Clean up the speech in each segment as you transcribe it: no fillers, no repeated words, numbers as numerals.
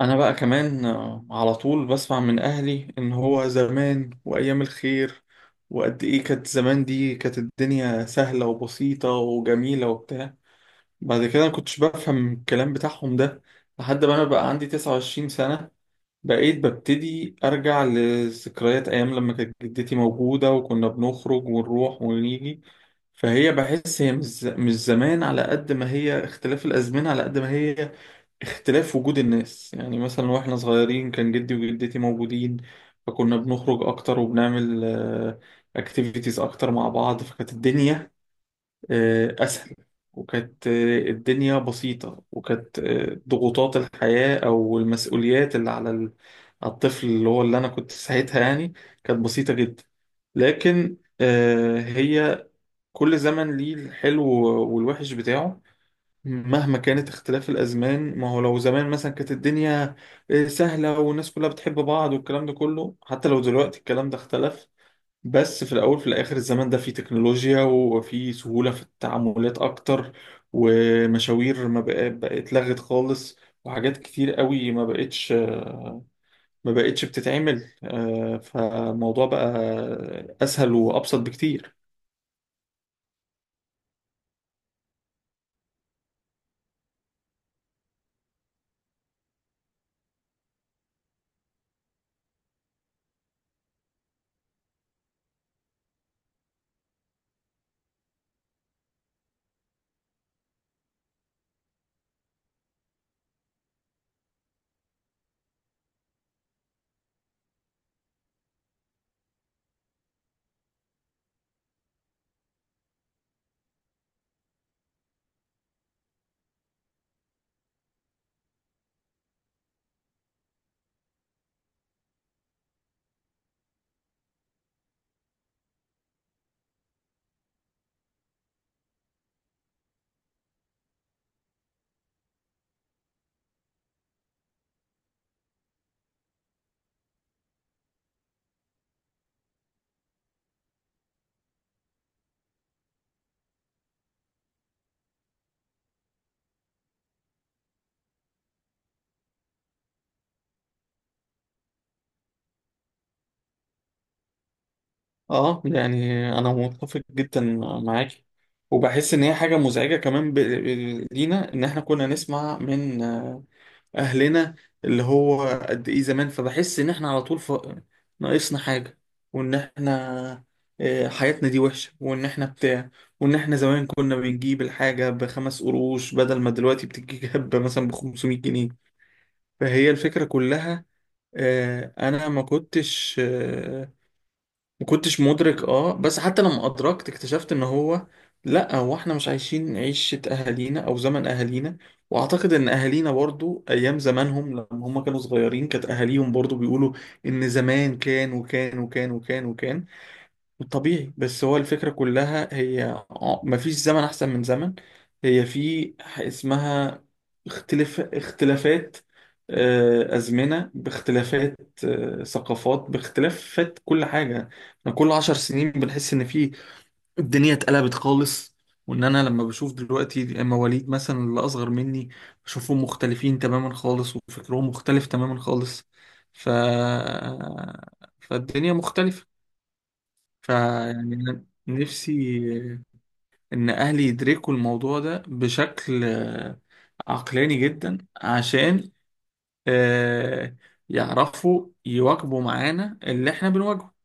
انا بقى كمان على طول بسمع من اهلي ان هو زمان وايام الخير، وقد ايه كانت زمان. دي كانت الدنيا سهلة وبسيطة وجميلة وبتاع. بعد كده ما كنتش بفهم الكلام بتاعهم ده، لحد ما انا بقى عندي 29 سنة، بقيت ببتدي أرجع لذكريات أيام لما كانت جدتي موجودة وكنا بنخرج ونروح ونيجي. فهي بحس هي مش زمان، على قد ما هي اختلاف الأزمنة، على قد ما هي اختلاف وجود الناس. يعني مثلا واحنا صغيرين كان جدي وجدتي موجودين، فكنا بنخرج أكتر وبنعمل اكتيفيتيز أكتر مع بعض. فكانت الدنيا أسهل، وكانت الدنيا بسيطة، وكانت ضغوطات الحياة أو المسؤوليات اللي على على الطفل اللي هو اللي أنا كنت ساعتها، يعني كانت بسيطة جدا. لكن هي كل زمن ليه الحلو والوحش بتاعه. مهما كانت اختلاف الأزمان، ما هو لو زمان مثلا كانت الدنيا سهلة والناس كلها بتحب بعض والكلام ده كله، حتى لو دلوقتي الكلام ده اختلف، بس في الأول في الآخر الزمن ده فيه تكنولوجيا وفيه سهولة في التعاملات أكتر، ومشاوير ما بقى- بقت لغت خالص، وحاجات كتير قوي ما بقتش بتتعمل، فالموضوع بقى أسهل وأبسط بكتير. اه، يعني انا متفق جدا معاك، وبحس ان هي حاجه مزعجه كمان لينا، ان احنا كنا نسمع من اهلنا اللي هو قد ايه زمان. فبحس ان احنا على طول ناقصنا حاجه، وان احنا حياتنا دي وحشه، وان احنا بتاع، وان احنا زمان كنا بنجيب الحاجه بخمس قروش، بدل ما دلوقتي بتجيب مثلا ب 500 جنيه. فهي الفكره كلها انا ما كنتش، ما كنتش مدرك بس حتى لما ادركت اكتشفت ان هو لا، هو احنا مش عايشين عيشة اهالينا او زمن اهالينا. واعتقد ان اهالينا برضو ايام زمانهم لما هم كانوا صغيرين كانت اهاليهم برضو بيقولوا ان زمان كان وكان وكان وكان وكان، طبيعي. بس هو الفكرة كلها هي مفيش زمن أحسن من زمن. هي في اسمها اختلافات، أزمنة باختلافات، ثقافات باختلافات، كل حاجة. احنا كل 10 سنين بنحس إن في الدنيا اتقلبت خالص، وإن أنا لما بشوف دلوقتي مواليد مثلا اللي أصغر مني بشوفهم مختلفين تماما خالص، وفكرهم مختلف تماما خالص. ف... فالدنيا مختلفة. فيعني أنا نفسي إن أهلي يدركوا الموضوع ده بشكل عقلاني جدا، عشان آه، يعرفوا يواكبوا معانا اللي إحنا بنواجهه.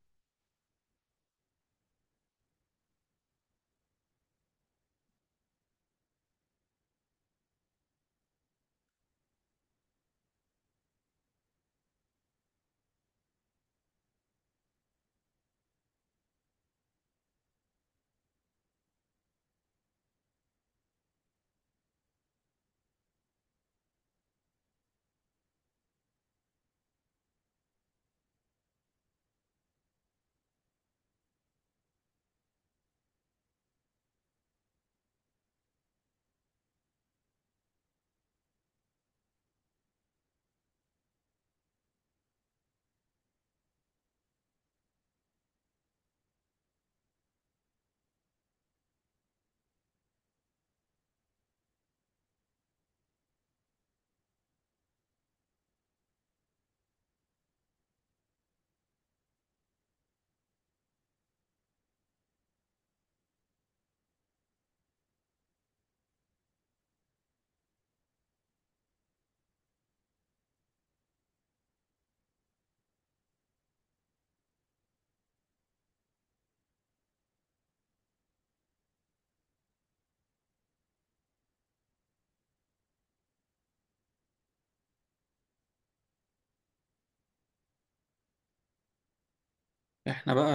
إحنا بقى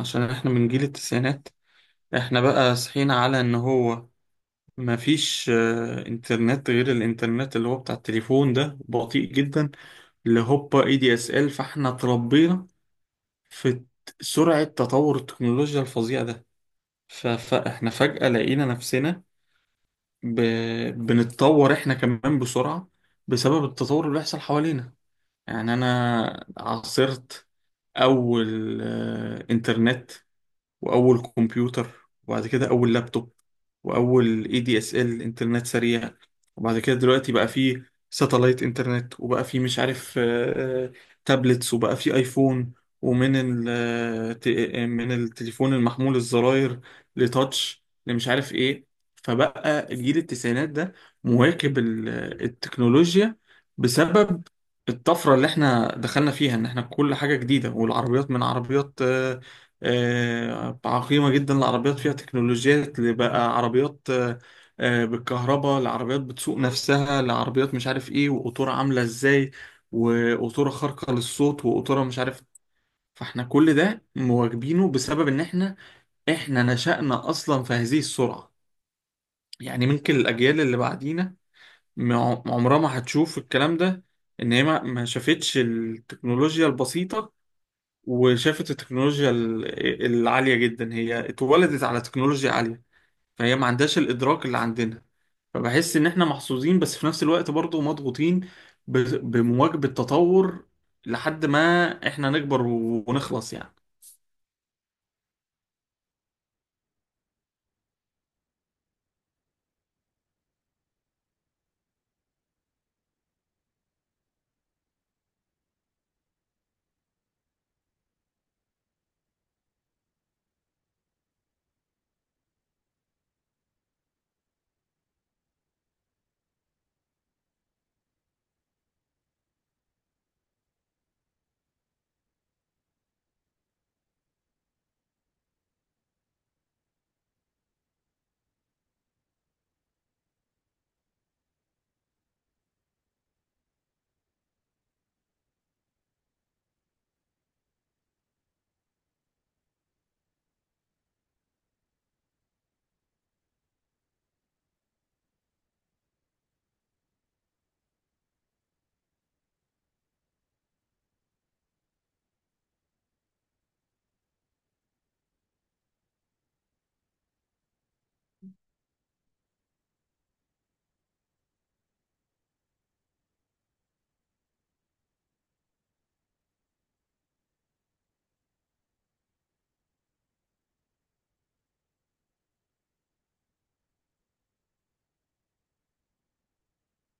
عشان إحنا من جيل التسعينات، إحنا بقى صحينا على إن هو مفيش إنترنت غير الإنترنت اللي هو بتاع التليفون ده، بطيء جدا، اللي هوبا DSL. فإحنا اتربينا في سرعة تطور التكنولوجيا الفظيعة ده، فاحنا فجأة لقينا نفسنا ب... بنتطور احنا كمان بسرعة، بسبب التطور اللي بيحصل حوالينا. يعني انا عاصرت اول انترنت، واول كمبيوتر، وبعد كده اول لابتوب، واول DSL انترنت سريع، وبعد كده دلوقتي بقى فيه ساتلايت انترنت، وبقى فيه مش عارف تابلتس، وبقى فيه ايفون، ومن من التليفون المحمول الزراير لتاتش، لمش عارف ايه. فبقى جيل التسعينات ده مواكب التكنولوجيا، بسبب الطفرة اللي احنا دخلنا فيها، ان احنا كل حاجة جديدة، والعربيات من عربيات عقيمة جدا لعربيات فيها تكنولوجيات، اللي بقى عربيات بالكهرباء، لعربيات بتسوق نفسها، لعربيات مش عارف ايه، وقطورة عاملة ازاي، وقطورة خارقة للصوت، وقطورة مش عارف. فاحنا كل ده مواكبينه بسبب ان احنا نشأنا اصلا في هذه السرعة. يعني ممكن الاجيال اللي بعدينا عمرها ما هتشوف الكلام ده، ان هي ما شافتش التكنولوجيا البسيطة وشافت التكنولوجيا العالية جدا، هي اتولدت على تكنولوجيا عالية، فهي ما عندهاش الإدراك اللي عندنا. فبحس إن إحنا محظوظين، بس في نفس الوقت برضه مضغوطين بمواكبة تطور، لحد ما إحنا نكبر ونخلص يعني.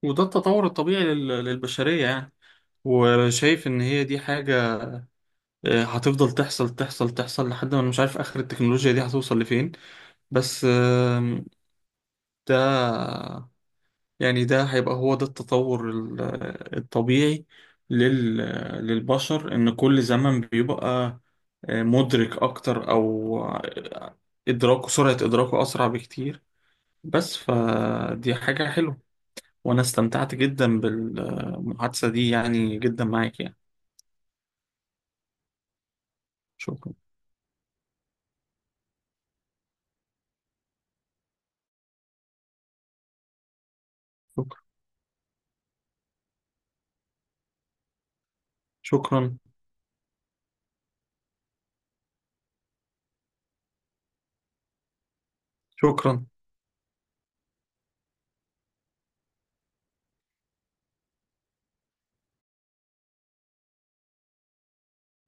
وده التطور الطبيعي للبشرية يعني. وشايف إن هي دي حاجة هتفضل تحصل تحصل تحصل، لحد ما أنا مش عارف آخر التكنولوجيا دي هتوصل لفين. بس ده يعني ده هيبقى هو ده التطور الطبيعي لل- للبشر، إن كل زمن بيبقى مدرك أكتر، أو إدراكه سرعة إدراكه أسرع بكتير. بس فدي حاجة حلوة، وأنا استمتعت جدا بالمحادثة دي يعني جدا معاك يعني. شكرا. شكرا. شكرا. شكرا.